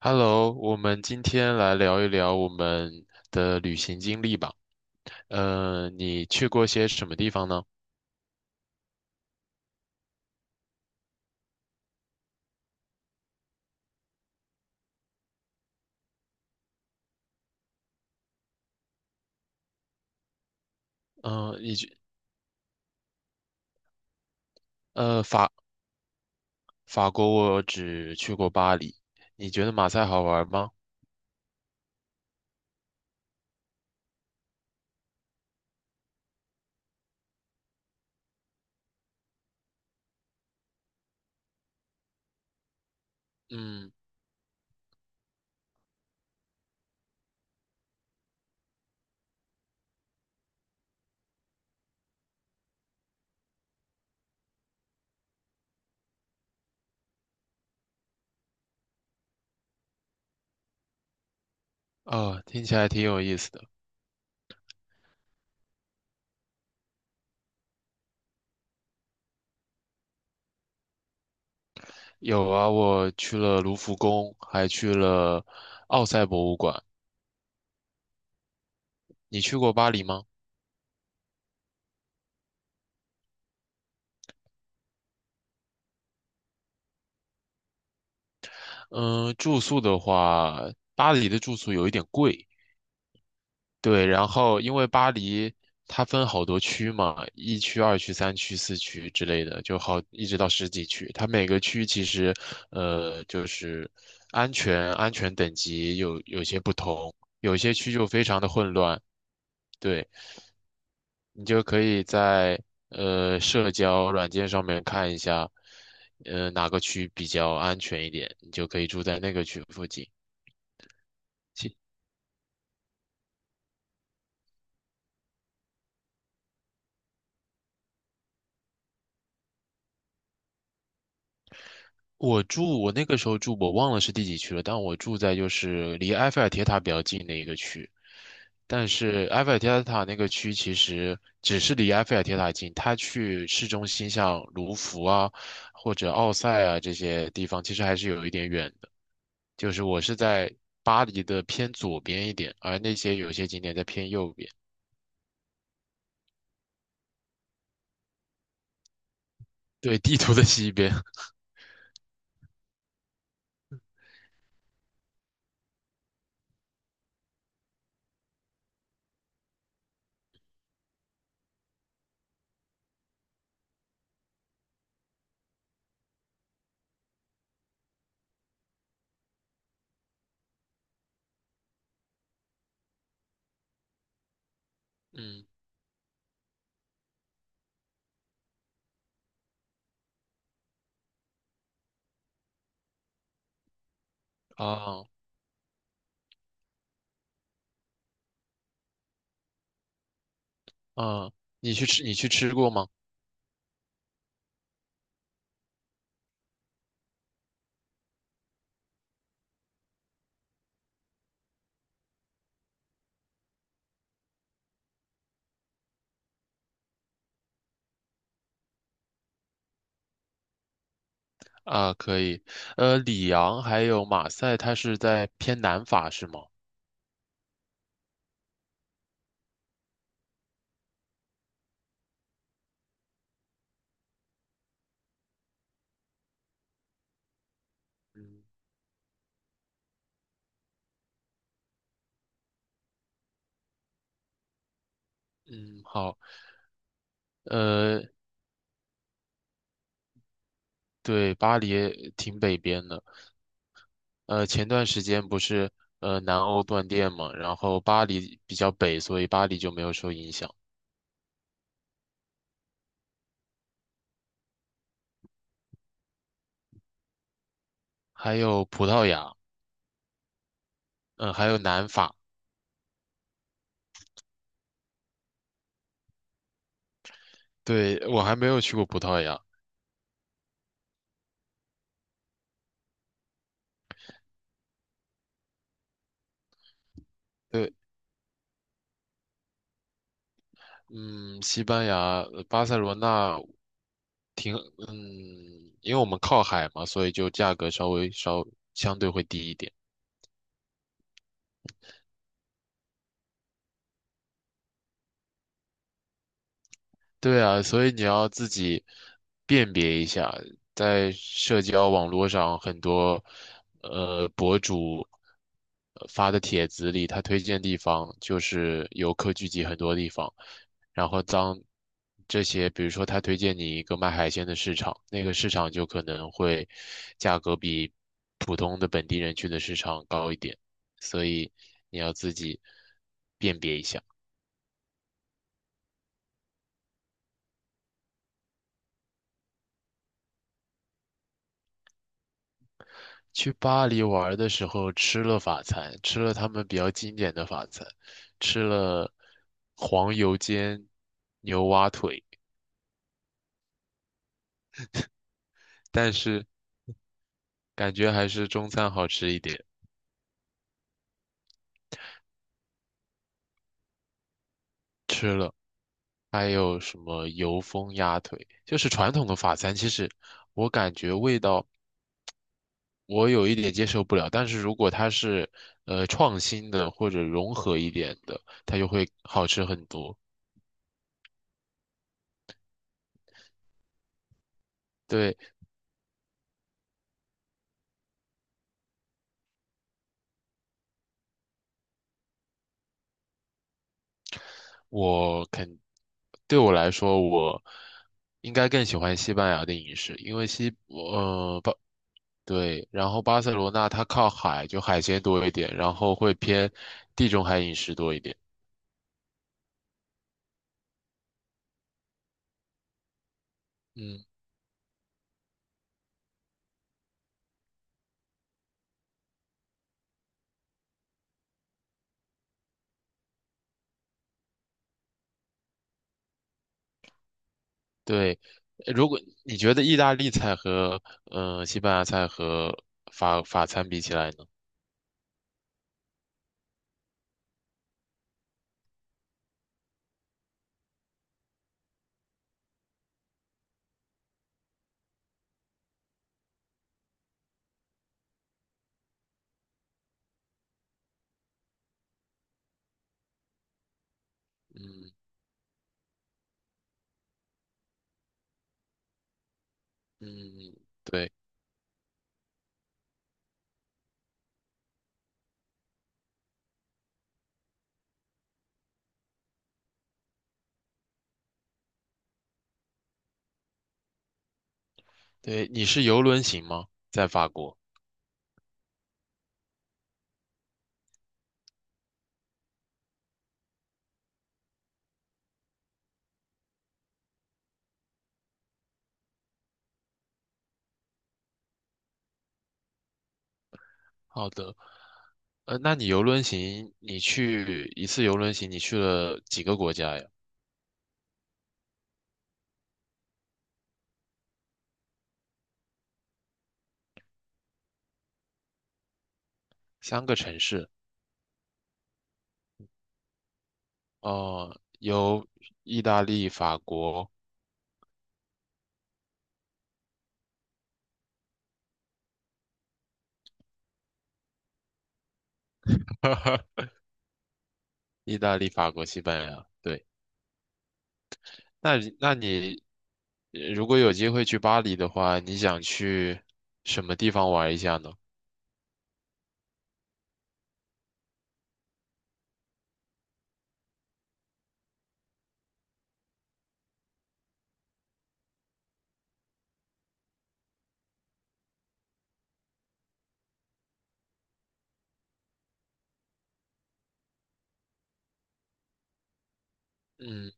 Hello，我们今天来聊一聊我们的旅行经历吧。你去过些什么地方呢？嗯呃，你去呃法法国我只去过巴黎。你觉得马赛好玩吗？嗯，哦，听起来挺有意思的。有啊，我去了卢浮宫，还去了奥赛博物馆。你去过巴黎吗？嗯、住宿的话，巴黎的住宿有一点贵。对，然后因为巴黎它分好多区嘛，一区、二区、三区、四区之类的，就好一直到十几区。它每个区其实，就是安全等级有些不同，有些区就非常的混乱。对，你就可以在社交软件上面看一下，哪个区比较安全一点，你就可以住在那个区附近。我那个时候住，我忘了是第几区了，但我住在就是离埃菲尔铁塔比较近的一个区。但是埃菲尔铁塔那个区其实只是离埃菲尔铁塔近，它去市中心像卢浮啊或者奥赛啊这些地方，其实还是有一点远的。就是我是在巴黎的偏左边一点，而有些景点在偏右边，对，地图的西边。嗯啊啊，你去吃过吗？啊，可以。里昂还有马赛，它是在偏南法是吗？嗯嗯，好。呃，对，巴黎也挺北边的。前段时间不是南欧断电嘛，然后巴黎比较北，所以巴黎就没有受影响。还有葡萄牙，嗯、还有南法。对，我还没有去过葡萄牙。对，嗯，西班牙，呃巴塞罗那因为我们靠海嘛，所以就价格稍微相对会低一点。对啊，所以你要自己辨别一下，在社交网络上很多博主发的帖子里，他推荐地方就是游客聚集很多地方，然后当这些，比如说他推荐你一个卖海鲜的市场，那个市场就可能会价格比普通的本地人去的市场高一点，所以你要自己辨别一下。去巴黎玩的时候吃了法餐，吃了他们比较经典的法餐，吃了黄油煎牛蛙腿，但是感觉还是中餐好吃一点。吃了，还有什么油封鸭腿，就是传统的法餐。其实我感觉味道我有一点接受不了，但是如果它是创新的或者融合一点的，它就会好吃很多。对。我肯，对我来说，我应该更喜欢西班牙的饮食，因为西，呃，巴，对，然后巴塞罗那它靠海，就海鲜多一点，然后会偏地中海饮食多一点。嗯，对。如果你觉得意大利菜和西班牙菜和法餐比起来呢？嗯嗯，对对，你是游轮型吗？在法国？好的。那你游轮行，你去一次游轮行，你去了几个国家呀？3个城市。哦、有意大利、法国，意大利、法国、西班牙。对，那你如果有机会去巴黎的话，你想去什么地方玩一下呢？嗯，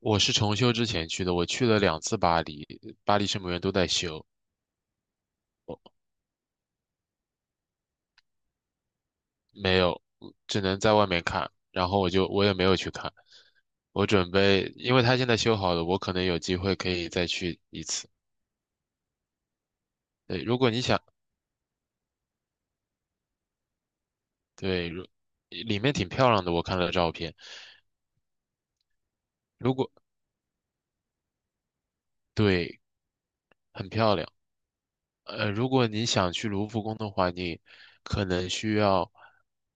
我是重修之前去的，我去了2次巴黎，巴黎圣母院都在修。没有，只能在外面看。然后我也没有去看，我准备，因为它现在修好了，我可能有机会可以再去一次。对，如果你想，对，里面挺漂亮的，我看了照片。如果对，很漂亮。如果你想去卢浮宫的话，你可能需要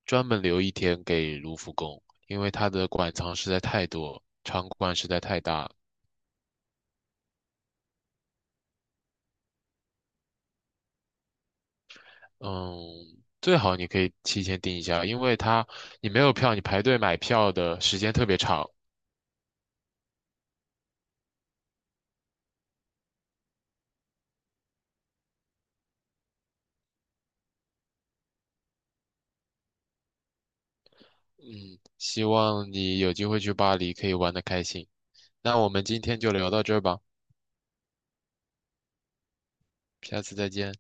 专门留一天给卢浮宫，因为它的馆藏实在太多，场馆实在太大了。嗯，最好你可以提前订一下，因为它你没有票，你排队买票的时间特别长。嗯，希望你有机会去巴黎可以玩得开心。那我们今天就聊到这儿吧，下次再见。